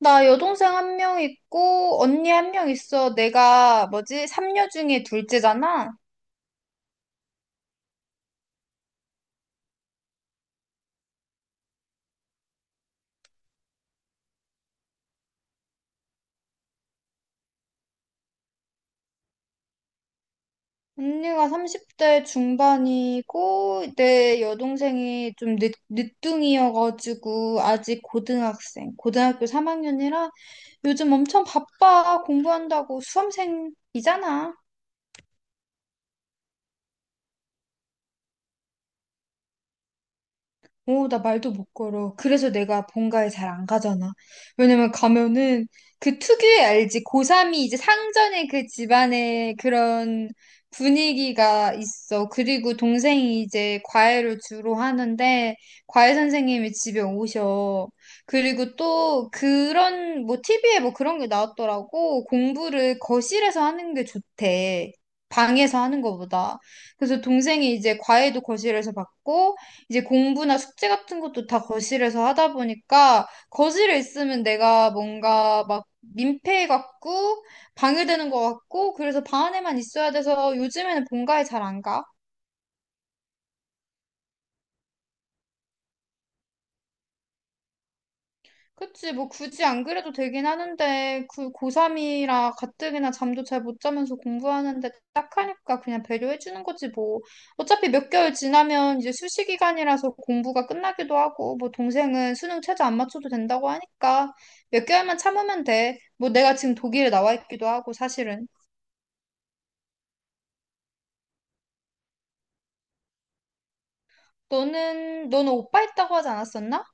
나 여동생 한 명 있고, 언니 한 명 있어. 내가 뭐지? 삼녀 중에 둘째잖아? 언니가 30대 중반이고, 내 여동생이 좀 늦둥이여가지고, 아직 고등학교 3학년이라 요즘 엄청 바빠. 공부한다고 수험생이잖아. 오, 나 말도 못 걸어. 그래서 내가 본가에 잘 안 가잖아. 왜냐면 가면은 그 특유의 알지? 고3이 이제 상전의 그 집안의 그런 분위기가 있어. 그리고 동생이 이제 과외를 주로 하는데 과외 선생님이 집에 오셔. 그리고 또 그런 뭐 TV에 뭐 그런 게 나왔더라고. 공부를 거실에서 하는 게 좋대. 방에서 하는 것보다. 그래서 동생이 이제 과외도 거실에서 받고 이제 공부나 숙제 같은 것도 다 거실에서 하다 보니까 거실에 있으면 내가 뭔가 막 민폐 같고 방해되는 것 같고 그래서 방 안에만 있어야 돼서 요즘에는 본가에 잘 안 가. 그치, 뭐 굳이 안 그래도 되긴 하는데, 그 고3이라 가뜩이나 잠도 잘 못 자면서 공부하는데 딱 하니까 그냥 배려해주는 거지, 뭐. 어차피 몇 개월 지나면 이제 수시 기간이라서 공부가 끝나기도 하고, 뭐 동생은 수능 최저 안 맞춰도 된다고 하니까 몇 개월만 참으면 돼. 뭐 내가 지금 독일에 나와 있기도 하고, 사실은. 너는 오빠 있다고 하지 않았었나?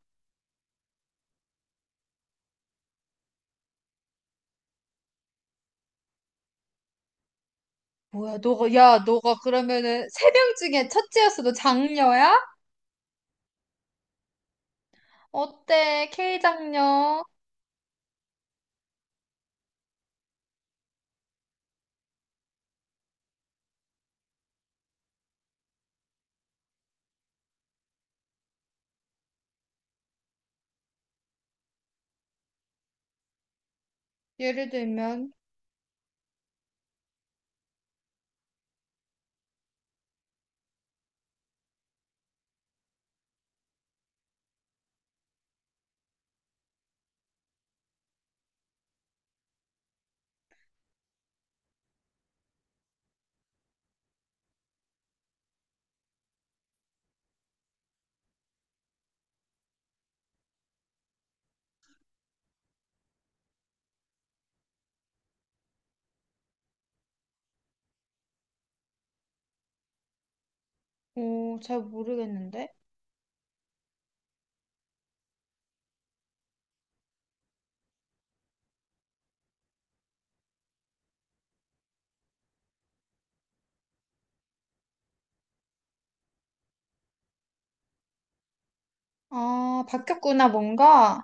뭐야, 너가 그러면은 세 명 중에 첫째였어. 너 장녀야? 어때, K 장녀? 예를 들면, 오, 잘 모르겠는데. 아, 바뀌었구나, 뭔가.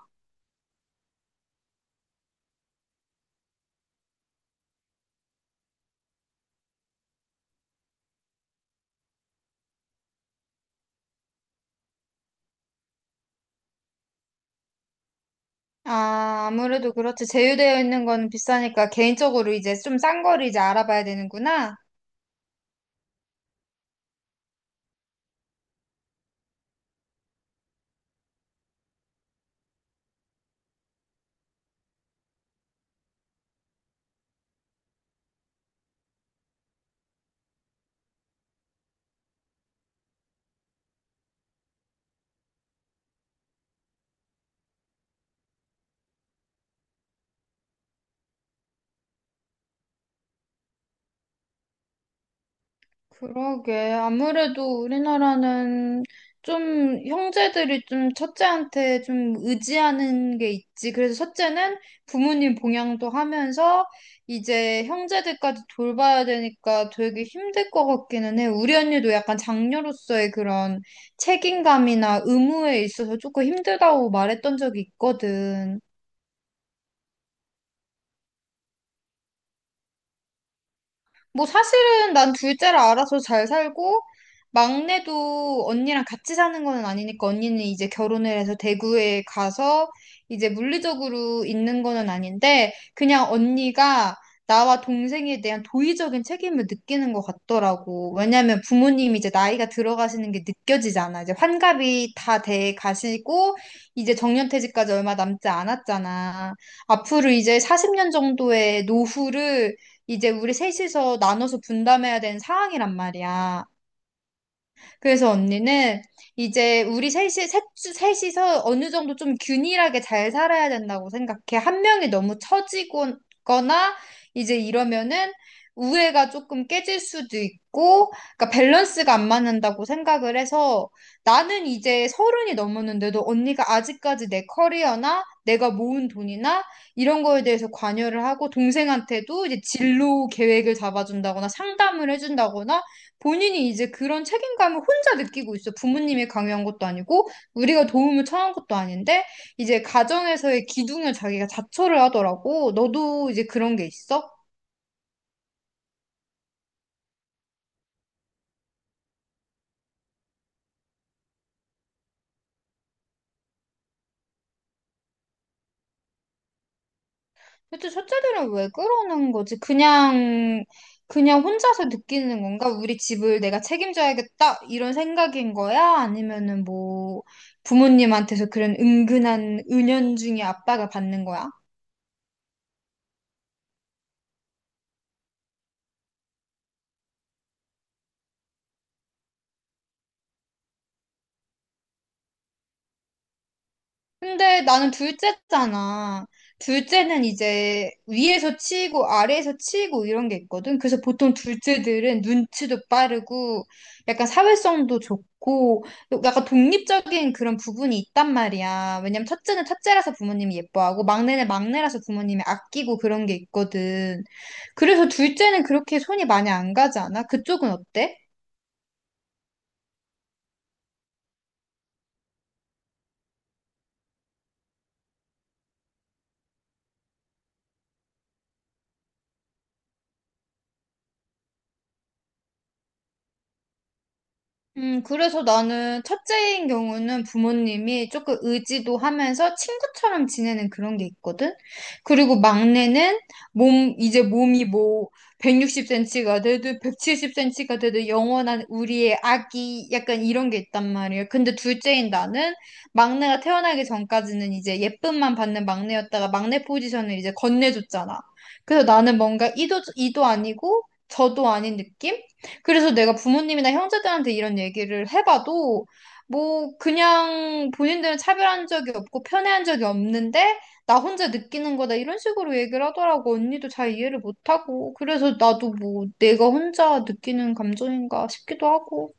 아, 아무래도 그렇지. 제휴되어 있는 건 비싸니까 개인적으로 이제 좀 싼 거를 이제 알아봐야 되는구나. 그러게. 아무래도 우리나라는 좀 형제들이 좀 첫째한테 좀 의지하는 게 있지. 그래서 첫째는 부모님 봉양도 하면서 이제 형제들까지 돌봐야 되니까 되게 힘들 것 같기는 해. 우리 언니도 약간 장녀로서의 그런 책임감이나 의무에 있어서 조금 힘들다고 말했던 적이 있거든. 뭐 사실은 난 둘째라 알아서 잘 살고 막내도 언니랑 같이 사는 거는 아니니까 언니는 이제 결혼을 해서 대구에 가서 이제 물리적으로 있는 거는 아닌데 그냥 언니가 나와 동생에 대한 도의적인 책임을 느끼는 것 같더라고. 왜냐면 부모님이 이제 나이가 들어가시는 게 느껴지잖아. 이제 환갑이 다 돼 가시고 이제 정년퇴직까지 얼마 남지 않았잖아. 앞으로 이제 40년 정도의 노후를 이제 우리 셋이서 나눠서 분담해야 되는 상황이란 말이야. 그래서 언니는 이제 우리 셋이서 어느 정도 좀 균일하게 잘 살아야 된다고 생각해. 한 명이 너무 처지거나 이제 이러면은 우애가 조금 깨질 수도 있고, 그러니까 밸런스가 안 맞는다고 생각을 해서 나는 이제 서른이 넘었는데도 언니가 아직까지 내 커리어나 내가 모은 돈이나 이런 거에 대해서 관여를 하고 동생한테도 이제 진로 계획을 잡아준다거나 상담을 해준다거나 본인이 이제 그런 책임감을 혼자 느끼고 있어. 부모님이 강요한 것도 아니고, 우리가 도움을 청한 것도 아닌데, 이제 가정에서의 기둥을 자기가 자처를 하더라고. 너도 이제 그런 게 있어? 근데 첫째들은 왜 그러는 거지? 그냥 혼자서 느끼는 건가? 우리 집을 내가 책임져야겠다. 이런 생각인 거야? 아니면은 뭐, 부모님한테서 그런 은근한 은연중에 압박을 받는 거야? 근데 나는 둘째잖아. 둘째는 이제 위에서 치고 아래에서 치고 이런 게 있거든. 그래서 보통 둘째들은 눈치도 빠르고 약간 사회성도 좋고 약간 독립적인 그런 부분이 있단 말이야. 왜냐면 첫째는 첫째라서 부모님이 예뻐하고 막내는 막내라서 부모님이 아끼고 그런 게 있거든. 그래서 둘째는 그렇게 손이 많이 안 가지 않아? 그쪽은 어때? 그래서 나는 첫째인 경우는 부모님이 조금 의지도 하면서 친구처럼 지내는 그런 게 있거든? 그리고 막내는 이제 몸이 뭐 160cm가 되든 170cm가 되든 영원한 우리의 아기 약간 이런 게 있단 말이야. 근데 둘째인 나는 막내가 태어나기 전까지는 이제 예쁨만 받는 막내였다가 막내 포지션을 이제 건네줬잖아. 그래서 나는 뭔가 이도 아니고 저도 아닌 느낌? 그래서 내가 부모님이나 형제들한테 이런 얘기를 해봐도 뭐 그냥 본인들은 차별한 적이 없고 편애한 적이 없는데 나 혼자 느끼는 거다 이런 식으로 얘기를 하더라고. 언니도 잘 이해를 못하고. 그래서 나도 뭐 내가 혼자 느끼는 감정인가 싶기도 하고.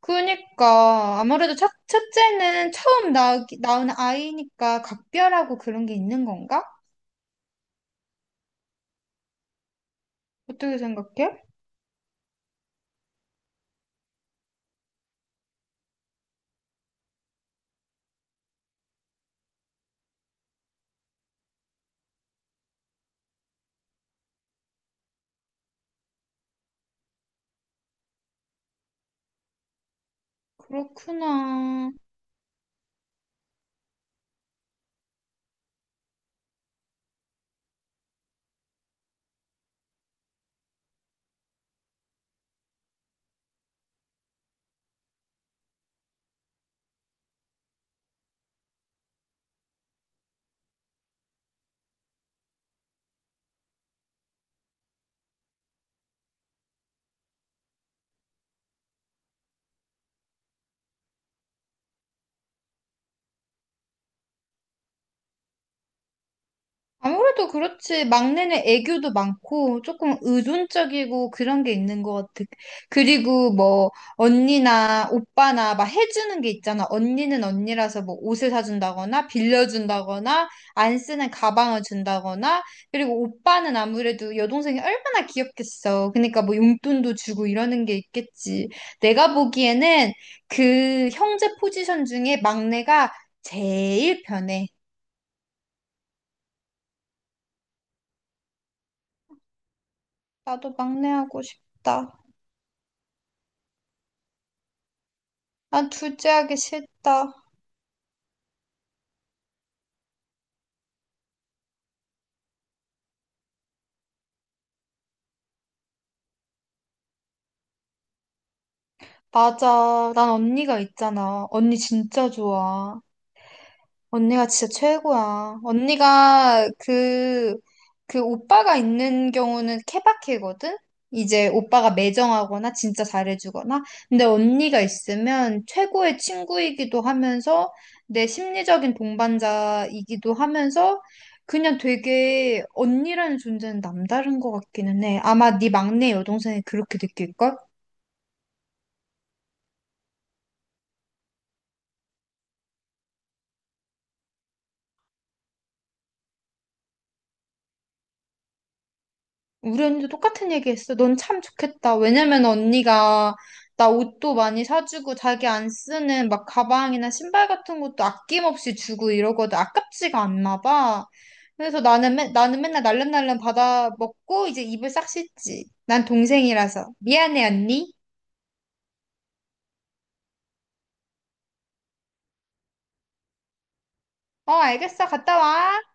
그러니까 아무래도 첫째는 처음 낳은 아이니까 각별하고 그런 게 있는 건가? 어떻게 생각해? 그렇구나. 아무래도 그렇지. 막내는 애교도 많고, 조금 의존적이고 그런 게 있는 것 같아. 그리고 뭐, 언니나 오빠나 막 해주는 게 있잖아. 언니는 언니라서 뭐 옷을 사준다거나, 빌려준다거나, 안 쓰는 가방을 준다거나, 그리고 오빠는 아무래도 여동생이 얼마나 귀엽겠어. 그러니까 뭐 용돈도 주고 이러는 게 있겠지. 내가 보기에는 그 형제 포지션 중에 막내가 제일 편해. 나도 막내 하고 싶다. 난 둘째 하기 싫다. 맞아. 난 언니가 있잖아. 언니 진짜 좋아. 언니가 진짜 최고야. 그 오빠가 있는 경우는 케바케거든? 이제 오빠가 매정하거나 진짜 잘해주거나. 근데 언니가 있으면 최고의 친구이기도 하면서 내 심리적인 동반자이기도 하면서 그냥 되게 언니라는 존재는 남다른 것 같기는 해. 아마 네 막내 여동생이 그렇게 느낄걸? 우리 언니도 똑같은 얘기 했어. 넌 참 좋겠다. 왜냐면 언니가 나 옷도 많이 사주고 자기 안 쓰는 막 가방이나 신발 같은 것도 아낌없이 주고 이러거든. 아깝지가 않나 봐. 그래서 나는 맨날 날름날름 받아 먹고 이제 입을 싹 씻지. 난 동생이라서. 미안해, 언니. 어, 알겠어. 갔다 와.